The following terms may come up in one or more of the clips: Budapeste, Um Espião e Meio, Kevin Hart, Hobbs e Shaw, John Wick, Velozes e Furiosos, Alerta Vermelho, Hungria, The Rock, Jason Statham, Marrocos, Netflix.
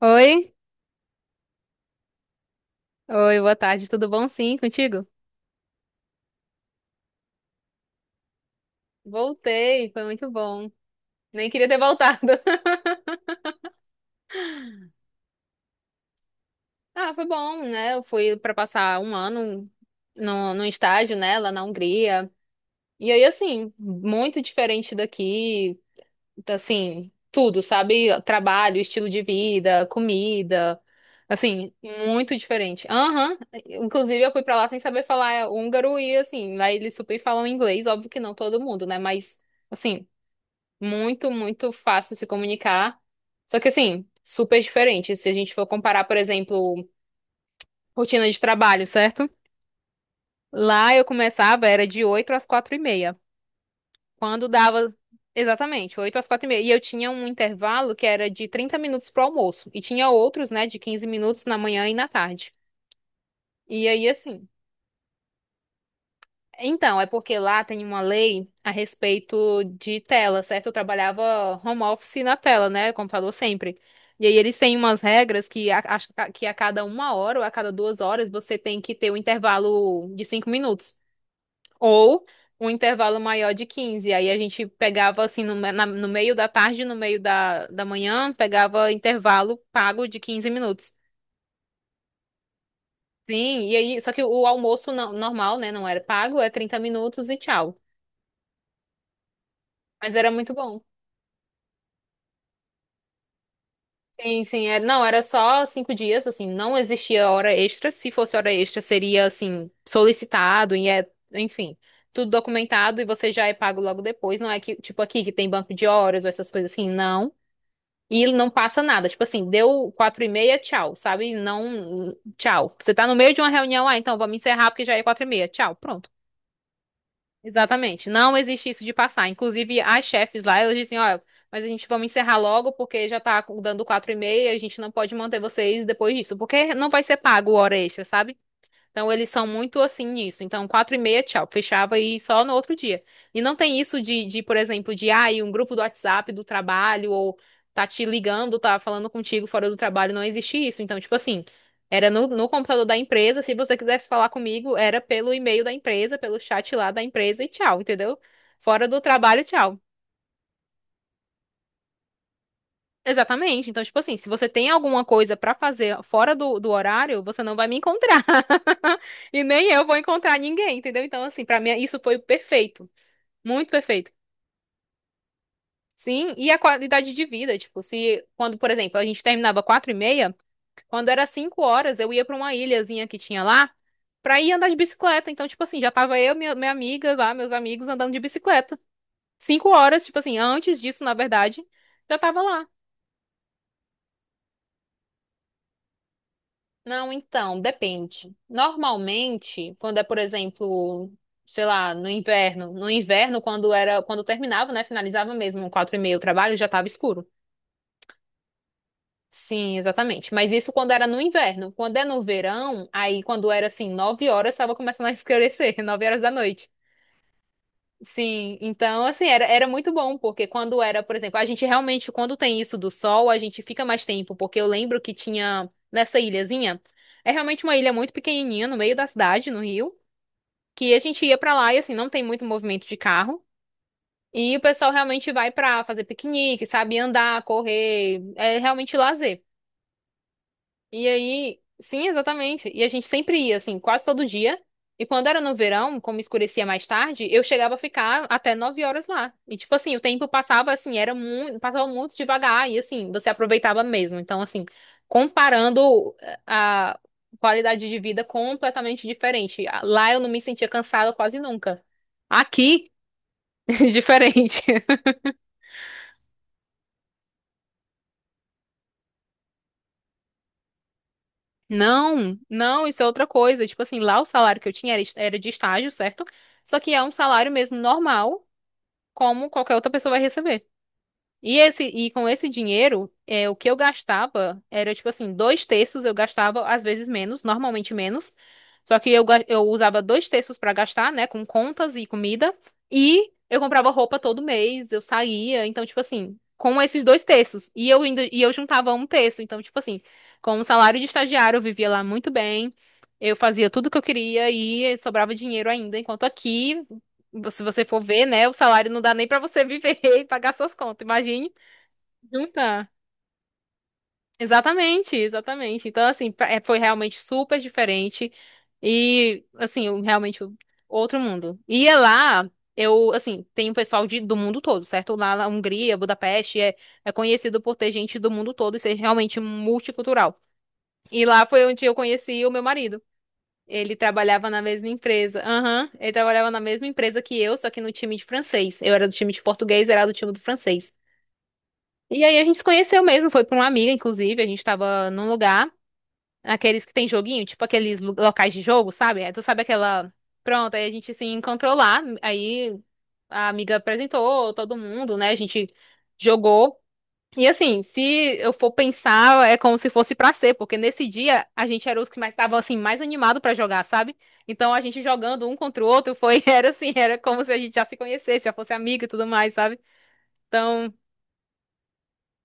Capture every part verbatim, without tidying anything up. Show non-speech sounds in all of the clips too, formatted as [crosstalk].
Oi, oi, boa tarde, tudo bom? Sim, contigo? Voltei, foi muito bom. Nem queria ter voltado. [laughs] Ah, foi bom, né? Eu fui pra passar um ano no, no estágio, né, lá na Hungria. E aí, assim, muito diferente daqui, tá, assim, tudo, sabe? Trabalho, estilo de vida, comida, assim, muito diferente. Aham. Inclusive eu fui pra lá sem saber falar húngaro e, assim, lá eles super falam inglês, óbvio que não todo mundo, né? Mas, assim. Muito, muito fácil se comunicar. Só que assim, super diferente. Se a gente for comparar, por exemplo, rotina de trabalho, certo? Lá eu começava, era de oito às quatro e meia. Quando dava, exatamente, oito às quatro e meia. E eu tinha um intervalo que era de trinta minutos pro almoço. E tinha outros, né, de quinze minutos na manhã e na tarde. E aí, assim, então, é porque lá tem uma lei a respeito de tela, certo? Eu trabalhava home office na tela, né? Computador sempre. E aí eles têm umas regras que a, acho que a cada uma hora ou a cada duas horas você tem que ter um intervalo de cinco minutos. Ou um intervalo maior de quinze. Aí a gente pegava assim no, me- na- no meio da tarde, no meio da, da manhã, pegava intervalo pago de quinze minutos. Sim, e aí, só que o almoço não- normal, né? Não era pago, é trinta minutos e tchau. Mas era muito bom. Sim, sim, é, não, era só cinco dias, assim, não existia hora extra. Se fosse hora extra, seria, assim, solicitado e é, enfim, tudo documentado e você já é pago logo depois. Não é que, tipo, aqui que tem banco de horas ou essas coisas assim, não. E não passa nada, tipo assim, deu quatro e meia, tchau, sabe? Não, tchau. Você tá no meio de uma reunião, ah, então vamos encerrar porque já é quatro e meia, tchau, pronto. Exatamente. Não existe isso de passar. Inclusive, as chefes lá, elas dizem, ó, mas a gente vamos encerrar logo porque já tá dando quatro e meia, a gente não pode manter vocês depois disso, porque não vai ser pago hora extra, sabe? Então eles são muito assim nisso. Então, quatro e meia, tchau. Fechava e só no outro dia. E não tem isso de, de, por exemplo, de ah, e um grupo do WhatsApp do trabalho, ou tá te ligando, tá falando contigo fora do trabalho, não existe isso. Então, tipo assim, era no, no computador da empresa. Se você quisesse falar comigo, era pelo e-mail da empresa, pelo chat lá da empresa e tchau, entendeu? Fora do trabalho, tchau. Exatamente. Então, tipo assim, se você tem alguma coisa pra fazer fora do, do horário, você não vai me encontrar. [laughs] E nem eu vou encontrar ninguém, entendeu? Então, assim, pra mim isso foi perfeito. Muito perfeito. Sim, e a qualidade de vida, tipo, se quando, por exemplo, a gente terminava quatro e meia, quando era cinco horas, eu ia pra uma ilhazinha que tinha lá pra ir andar de bicicleta. Então, tipo assim, já tava eu, minha, minha amiga lá, meus amigos andando de bicicleta. Cinco horas, tipo assim, antes disso, na verdade, já tava lá. Não, então, depende. Normalmente, quando é, por exemplo, sei lá, no inverno, no inverno, quando era, quando terminava, né, finalizava mesmo, quatro e meia o trabalho, já estava escuro. Sim, exatamente. Mas isso quando era no inverno. Quando é no verão, aí quando era assim, nove horas, estava começando a escurecer, [laughs] nove horas da noite. Sim, então assim, era, era muito bom, porque quando era, por exemplo, a gente realmente, quando tem isso do sol, a gente fica mais tempo, porque eu lembro que tinha nessa ilhazinha, é realmente uma ilha muito pequenininha, no meio da cidade, no Rio, que a gente ia pra lá e assim, não tem muito movimento de carro, e o pessoal realmente vai pra fazer piquenique, sabe, andar, correr, é realmente lazer. E aí, sim, exatamente. E a gente sempre ia, assim, quase todo dia. E quando era no verão, como escurecia mais tarde, eu chegava a ficar até nove horas lá. E tipo assim, o tempo passava assim, era muito, passava muito devagar e assim, você aproveitava mesmo. Então, assim, comparando eh, a qualidade de vida completamente diferente. Lá eu não me sentia cansada quase nunca. Aqui, [laughs] diferente. Não, não, isso é outra coisa. Tipo assim, lá o salário que eu tinha era, est- era de estágio, certo? Só que é um salário mesmo normal, como qualquer outra pessoa vai receber. E esse, e com esse dinheiro, é, o que eu gastava era tipo assim, dois terços eu gastava, às vezes menos, normalmente menos. Só que eu, ga- eu usava dois terços pra gastar, né, com contas e comida. E eu comprava roupa todo mês, eu saía. Então, tipo assim, com esses dois terços. E eu, ainda, e eu juntava um terço. Então, tipo assim, com o salário de estagiário, eu vivia lá muito bem. Eu fazia tudo que eu queria e sobrava dinheiro ainda. Enquanto aqui, se você for ver, né, o salário não dá nem pra você viver [laughs] e pagar suas contas. Imagine. Não tá. Exatamente, exatamente. Então, assim, pra- é, foi realmente super diferente. E, assim, eu- realmente outro mundo. E é lá, eu, assim, tem um pessoal de, do mundo todo, certo? Lá na Hungria, Budapeste, é, é conhecido por ter gente do mundo todo e ser realmente multicultural. E lá foi onde eu conheci o meu marido. Ele trabalhava na mesma empresa. Aham, ele trabalhava na mesma empresa que eu, só que no time de francês. Eu era do time de português, era do time do francês. E aí a gente se conheceu mesmo, foi pra uma amiga, inclusive, a gente tava num lugar, aqueles que tem joguinho, tipo aqueles lu- locais de jogo, sabe? Aí tu sabe aquela. Pronto, aí a gente se encontrou lá, aí a amiga apresentou todo mundo, né? A gente jogou. E assim, se eu for pensar, é como se fosse pra ser, porque nesse dia a gente era os que mais estavam assim, mais animado pra jogar, sabe? Então a gente jogando um contra o outro foi, [laughs] era assim, era como se a gente já se conhecesse, já fosse amigo e tudo mais, sabe? Então.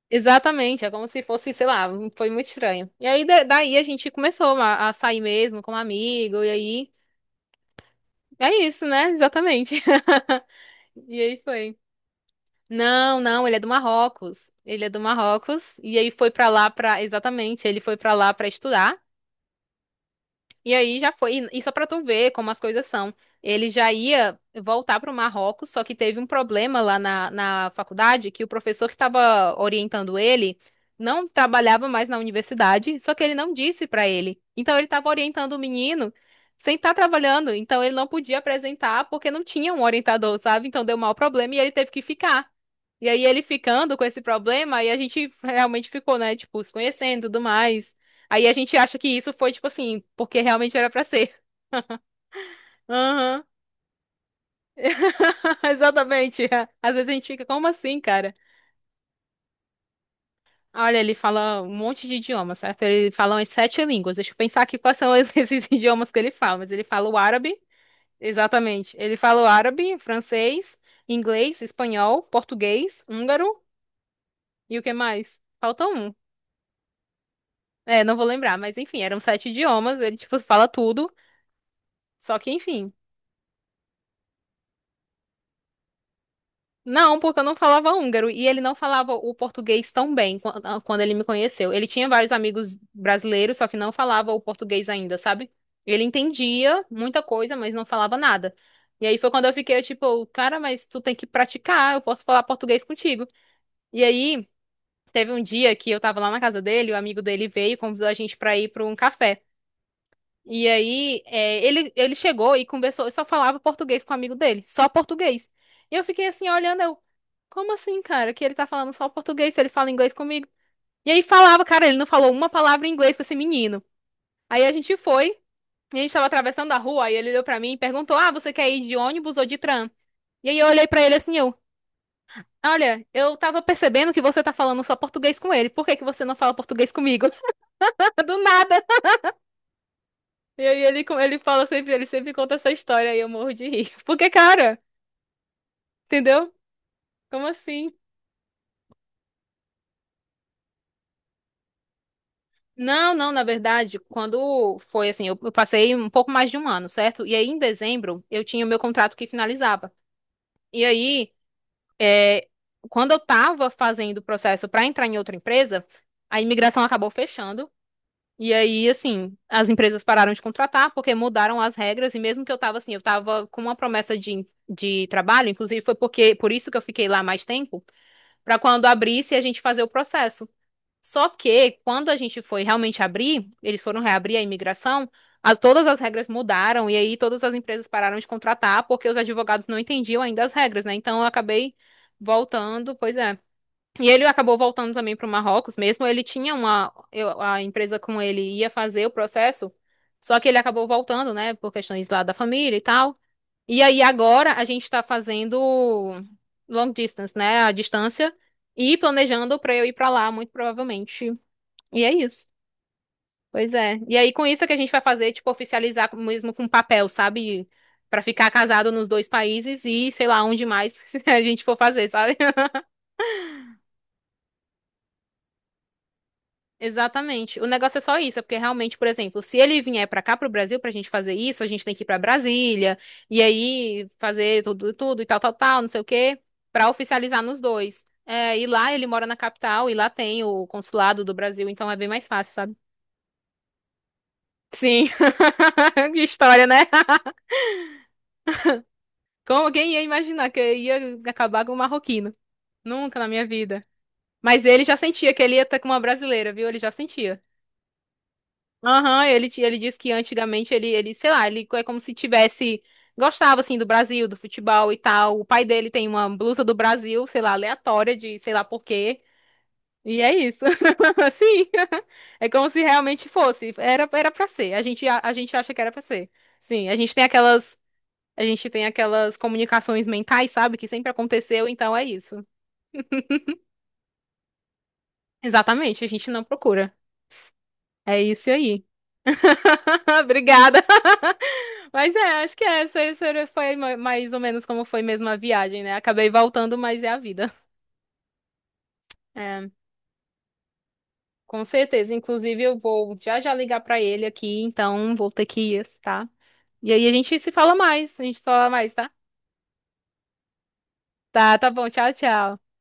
Exatamente, é como se fosse, sei lá, um, foi muito estranho. E aí, da- daí a gente começou a, a sair mesmo como amigo, e aí, é isso, né? Exatamente. [laughs] E aí foi. Não, não, ele é do Marrocos. Ele é do Marrocos, e aí foi pra lá pra, exatamente, ele foi pra lá pra estudar. E aí já foi, e só pra tu ver como as coisas são. Ele já ia voltar pro Marrocos, só que teve um problema lá na, na faculdade, que o professor que estava orientando ele não trabalhava mais na universidade, só que ele não disse pra ele. Então ele estava orientando o menino sem estar trabalhando, então ele não podia apresentar porque não tinha um orientador, sabe? Então deu mau problema e ele teve que ficar. E aí ele ficando com esse problema, aí a gente realmente ficou, né, tipo, se conhecendo e tudo mais. Aí a gente acha que isso foi, tipo assim, porque realmente era pra ser. Aham. [laughs] Exatamente. Às vezes a gente fica, como assim, cara? Olha, ele fala um monte de idiomas, certo? Ele fala umas sete línguas. Deixa eu pensar aqui quais são es- [laughs] esses idiomas que ele fala. Mas ele fala o árabe, exatamente. Ele fala o árabe, francês, inglês, espanhol, português, húngaro e o que mais? Falta um. É, não vou lembrar, mas enfim, eram sete idiomas. Ele, tipo, fala tudo. Só que, enfim. Não, porque eu não falava húngaro e ele não falava o português tão bem quan- ah, quando ele me conheceu. Ele tinha vários amigos brasileiros, só que não falava o português ainda, sabe? Ele entendia muita coisa, mas não falava nada. E aí foi quando eu fiquei tipo, cara, mas tu tem que praticar, eu posso falar português contigo. E aí teve um dia que eu tava lá na casa dele, o amigo dele veio e convidou a gente pra ir pra um café. E aí, é, ele, ele chegou e conversou, e só falava português com o amigo dele, só português. E eu fiquei assim, olhando, eu, como assim, cara, que ele tá falando só português, se ele fala inglês comigo? E aí falava, cara, ele não falou uma palavra em inglês com esse menino. Aí a gente foi, e a gente tava atravessando a rua, aí ele olhou pra mim e perguntou, ah, você quer ir de ônibus ou de tram? E aí eu olhei pra ele assim, eu, olha, eu tava percebendo que você tá falando só português com ele, por que que você não fala português comigo? [laughs] Do nada. E aí ele, co- ele fala sempre, ele sempre conta essa história e eu morro de rir. [laughs] Porque, cara, entendeu? Como assim? Não, não, na verdade, quando foi assim, eu eu passei um pouco mais de um ano, certo? E aí, em dezembro, eu tinha o meu contrato que finalizava. E aí, é, quando eu tava fazendo o processo para entrar em outra empresa, a imigração acabou fechando. E aí, assim, as empresas pararam de contratar porque mudaram as regras. E mesmo que eu tava assim, eu tava com uma promessa de, de trabalho, inclusive foi porque por isso que eu fiquei lá mais tempo. Para quando abrisse a gente fazer o processo. Só que quando a gente foi realmente abrir, eles foram reabrir a imigração, as, todas as regras mudaram e aí todas as empresas pararam de contratar porque os advogados não entendiam ainda as regras, né? Então eu acabei voltando, pois é. E ele acabou voltando também para o Marrocos mesmo. Ele tinha uma, eu- a empresa com ele ia fazer o processo, só que ele acabou voltando, né, por questões lá da família e tal. E aí agora a gente está fazendo long distance, né? A distância e planejando para eu ir para lá, muito provavelmente. E é isso. Pois é. E aí com isso é que a gente vai fazer, tipo, oficializar mesmo com papel, sabe? Para ficar casado nos dois países e sei lá onde mais [laughs] a gente for fazer, sabe? Exatamente. O negócio é só isso, é porque realmente, por exemplo, se ele vier pra cá pro Brasil pra gente fazer isso, a gente tem que ir pra Brasília e aí fazer tudo, tudo e tal, tal, tal, não sei o quê, pra oficializar nos dois. É, e lá ele mora na capital e lá tem o consulado do Brasil, então é bem mais fácil, sabe? Sim. [laughs] Que história, né? [laughs] Como quem ia imaginar que eu ia acabar com um marroquino? Nunca na minha vida. Mas ele já sentia que ele ia estar com uma brasileira, viu? Ele já sentia. Aham, ele, ti- ele disse que antigamente ele, ele, sei lá, ele é como se tivesse, gostava assim do Brasil, do futebol e tal. O pai dele tem uma blusa do Brasil, sei lá, aleatória de sei lá por quê. E é isso. [laughs] Assim, é como se realmente fosse. Era, era pra ser. A gente, a, a gente acha que era pra ser. Sim, a gente tem aquelas, a gente tem aquelas comunicações mentais, sabe, que sempre aconteceu, então é isso. Exatamente, a gente não procura. É isso aí. [laughs] Obrigada. [laughs] Mas é, acho que essa, essa foi ma- mais ou menos como foi mesmo a viagem, né? Acabei voltando, mas é a vida. É, com certeza. Inclusive, eu vou já já ligar pra ele aqui, então vou ter que ir, tá? E aí a gente se fala mais, a gente se fala mais, tá? Tá, tá bom. Tchau, tchau.